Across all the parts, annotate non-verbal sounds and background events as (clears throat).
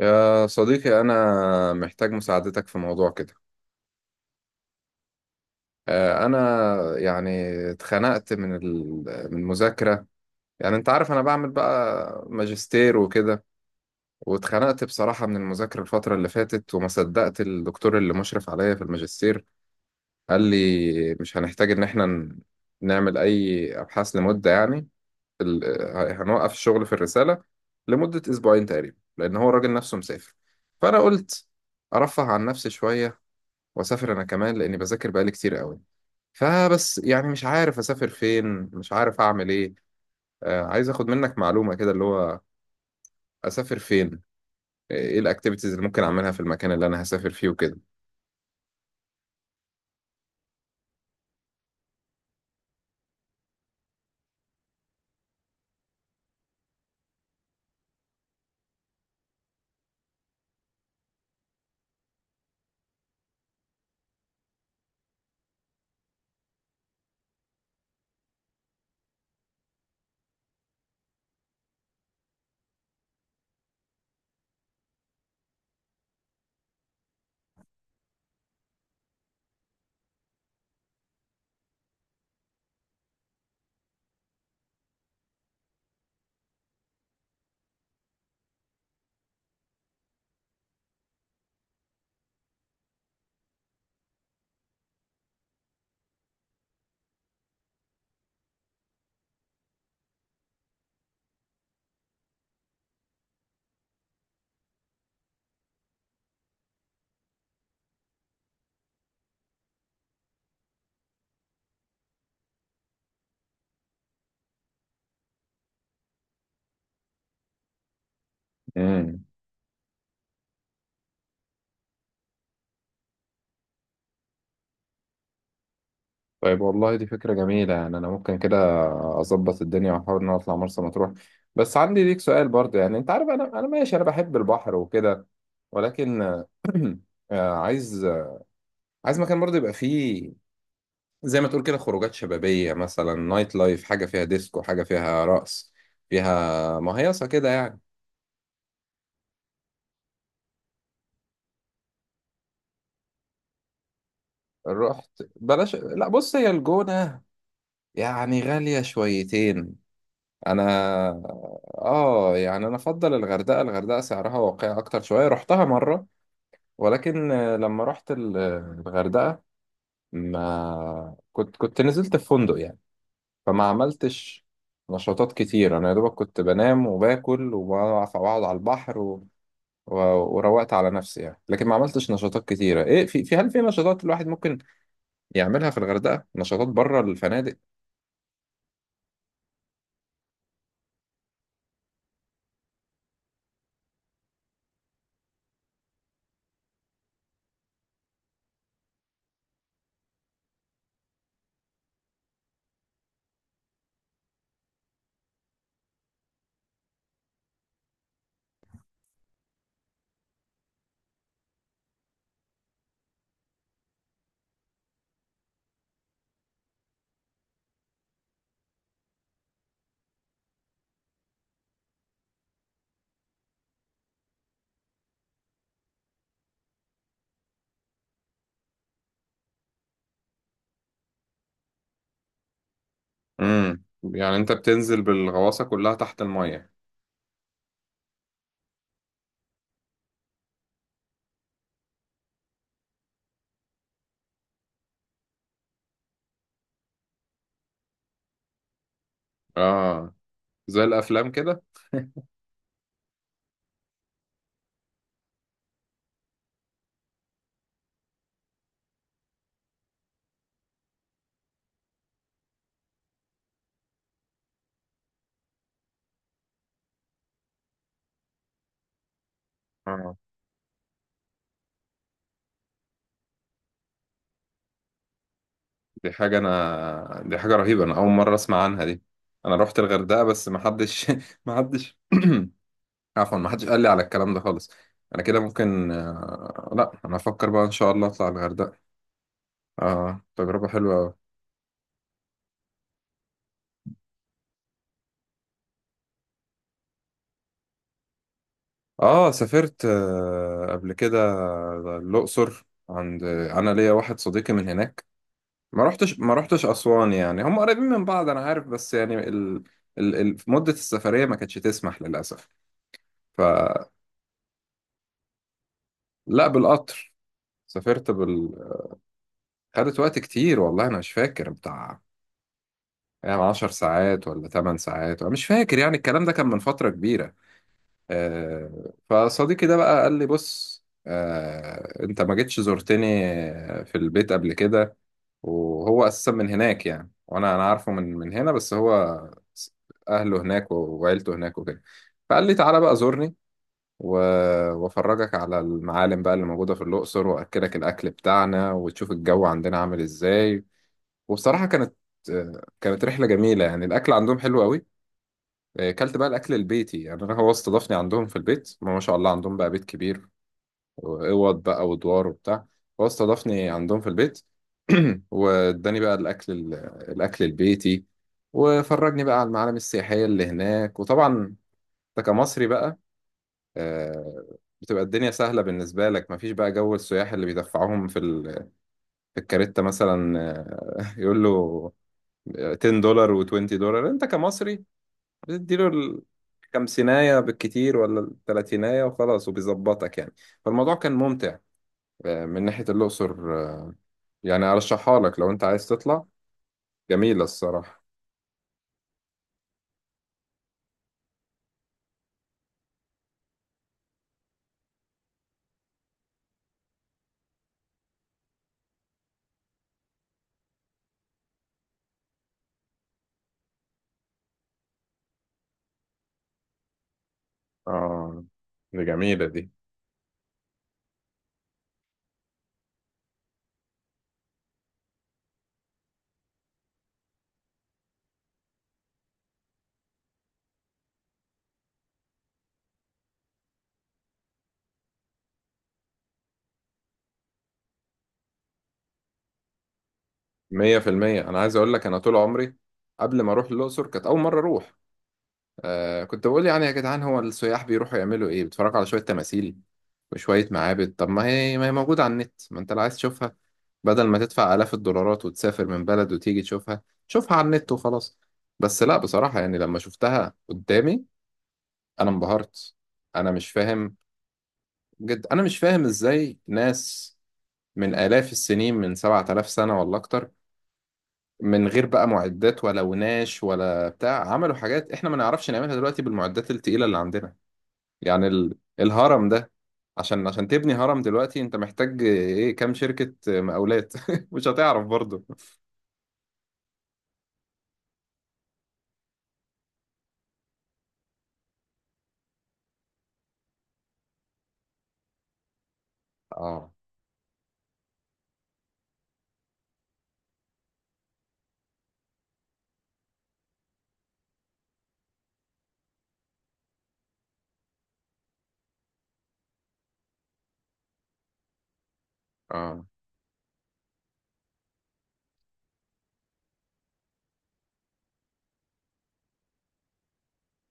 يا صديقي أنا محتاج مساعدتك في موضوع كده. أنا يعني اتخنقت من ال- من المذاكرة. يعني أنت عارف أنا بعمل بقى ماجستير وكده، واتخنقت بصراحة من المذاكرة الفترة اللي فاتت، وما صدقت الدكتور اللي مشرف عليا في الماجستير قال لي مش هنحتاج إن إحنا نعمل أي أبحاث لمدة يعني هنوقف الشغل في الرسالة لمدة أسبوعين تقريبا، لأن هو الراجل نفسه مسافر. فأنا قلت أرفه عن نفسي شوية واسافر انا كمان، لاني بذاكر بقالي كتير قوي. فبس يعني مش عارف اسافر فين، مش عارف اعمل ايه. آه، عايز اخد منك معلومة كده، اللي هو اسافر فين، ايه الاكتيفيتيز اللي ممكن اعملها في المكان اللي انا هسافر فيه وكده. امم، طيب والله دي فكرة جميلة، يعني انا ممكن كده اظبط الدنيا واحاول ان أنا اطلع مرسى مطروح. بس عندي ليك سؤال برضه، يعني انت عارف انا ماشي، انا بحب البحر وكده، ولكن آه، عايز عايز مكان برضه يبقى فيه زي ما تقول كده خروجات شبابية، مثلا نايت لايف، حاجة فيها ديسكو، حاجة فيها رقص، فيها مهيصة كده يعني. رحت؟ بلاش، لا بص هي الجونة يعني غالية شويتين. انا اه يعني انا افضل الغردقة، الغردقة سعرها واقعي اكتر شوية، رحتها مرة. ولكن لما رحت الغردقة ما كنت كنت نزلت في فندق يعني، فما عملتش نشاطات كتير. انا يا دوبك كنت بنام وباكل وبقعد على البحر، وروقت على نفسي يعني. لكن ما عملتش نشاطات كتيرة. ايه، في هل في نشاطات الواحد ممكن يعملها في الغردقة، نشاطات بره الفنادق؟ امم، يعني انت بتنزل بالغواصه كلها تحت الميه؟ اه، زي الافلام كده. اه، دي حاجه رهيبه، انا اول مره اسمع عنها دي. انا رحت الغردقه بس ما حدش (laughs) ما حدش (clears throat) عفوا، ما حدش قال لي على الكلام ده خالص. انا كده ممكن لا، انا افكر بقى ان شاء الله اطلع الغردقه. اه، تجربه حلوه أوي. اه سافرت قبل كده الأقصر، عند انا ليا واحد صديقي من هناك. ما رحتش أسوان، يعني هم قريبين من بعض انا عارف، بس يعني مدة السفرية ما كانتش تسمح للأسف. فلا، بالقطر. سافرت بال… خدت وقت كتير، والله انا مش فاكر بتاع، يعني 10 ساعات ولا 8 ساعات، انا مش فاكر، يعني الكلام ده كان من فترة كبيرة. فصديقي ده بقى قال لي بص، انت ما جيتش زرتني في البيت قبل كده. وهو اساسا من هناك يعني، وانا انا عارفه من هنا، بس هو س- اهله هناك وعيلته هناك وكده. فقال لي تعالى بقى زورني و… وافرجك على المعالم بقى اللي موجوده في الاقصر، واكلك الاكل بتاعنا، وتشوف الجو عندنا عامل ازاي. وبصراحه كانت آه، كانت رحله جميله، يعني الاكل عندهم حلو قوي. كلت بقى الاكل البيتي، يعني انا هو استضافني عندهم في البيت، ما شاء الله عندهم بقى بيت كبير، واوض بقى ودوار وبتاع. هو استضافني عندهم في البيت، (clears throat) واداني بقى الاكل البيتي، وفرجني بقى على المعالم السياحيه اللي هناك. وطبعا انت كمصري بقى آه، بتبقى الدنيا سهله بالنسبه لك، مفيش بقى جو السياح اللي بيدفعوهم في في الكارته مثلا. (laughs) يقول له 10 دولار و20 دولار، انت كمصري بتديله الخمسيناية بالكتير ولا التلاتيناية وخلاص، وبيظبطك يعني. فالموضوع كان ممتع من ناحية الأقصر. آه، يعني أرشحها لك لو أنت عايز تطلع. جميلة الصراحة. آه دي جميلة دي. مية في المية. أنا عايز أقول لك، أنا طول عمري قبل ما أروح الأقصر، كانت أول مرة أروح، آه كنت بقول يعني يا جدعان هو السياح بيروحوا يعملوا ايه، بيتفرجوا على شوية تماثيل وشوية معابد، طب ما هي موجودة على النت، ما انت اللي عايز تشوفها بدل ما تدفع آلاف الدولارات وتسافر من بلد وتيجي تشوفها، شوفها على النت وخلاص. بس لا بصراحة يعني لما شفتها قدامي انا انبهرت، انا مش فاهم. جد انا مش فاهم ازاي ناس من آلاف السنين، من 7,000 سنة ولا اكتر، من غير بقى معدات ولا وناش ولا بتاع، عملوا حاجات احنا ما نعرفش نعملها دلوقتي بالمعدات التقيلة اللي عندنا. يعني الهرم ده، عشان تبني هرم دلوقتي انت محتاج ايه، كام شركة مقاولات؟ (laughs) مش هتعرف برضو. اه اه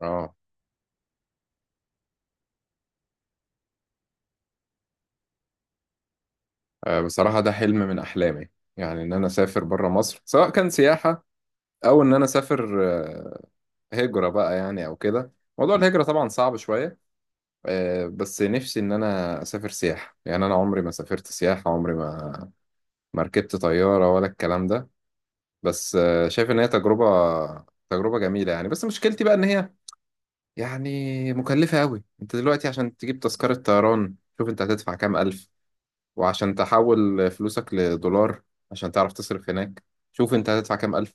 اه. بصراحة ده حلم من احلامي، يعني ان انا اسافر بره مصر سواء كان سياحة او ان انا اسافر هجرة بقى يعني او كده. موضوع الهجرة طبعا صعب شوية. بس نفسي ان انا اسافر سياحة، يعني انا عمري ما سافرت سياحة، عمري ما ما ركبت طيارة ولا الكلام ده. بس شايف ان هي تجربة، تجربة جميلة يعني. بس مشكلتي بقى ان هي يعني مكلفة أوي. أنت دلوقتي عشان تجيب تذكرة طيران، شوف أنت هتدفع كام ألف، وعشان تحول فلوسك لدولار عشان تعرف تصرف هناك، شوف أنت هتدفع كام ألف.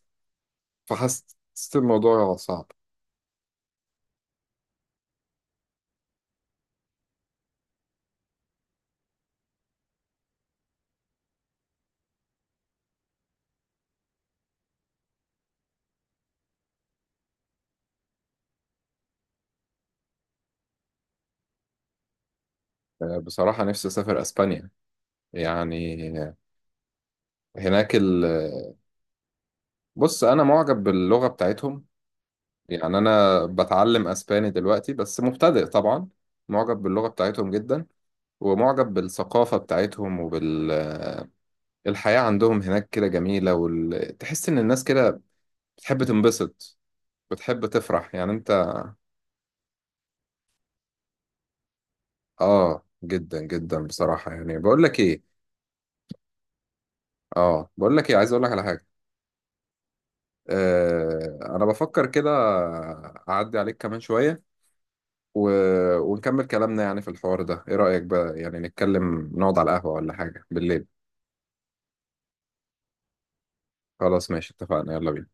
فحسيت الموضوع صعب. بصراحة نفسي أسافر أسبانيا، يعني هناك ال… بص أنا معجب باللغة بتاعتهم، يعني أنا بتعلم أسباني دلوقتي بس مبتدئ طبعا. معجب باللغة بتاعتهم جدا، ومعجب بالثقافة بتاعتهم وبال الحياة عندهم هناك كده جميلة، وال… تحس إن الناس كده بتحب تنبسط، بتحب تفرح يعني. أنت آه جدا جدا بصراحة، يعني بقول لك إيه، آه بقول لك إيه، عايز أقول لك على حاجة. آه أنا بفكر كده أعدي عليك كمان شوية و… ونكمل كلامنا يعني في الحوار ده. إيه رأيك بقى، يعني نتكلم نقعد على القهوة ولا حاجة بالليل؟ خلاص ماشي اتفقنا، يلا بينا.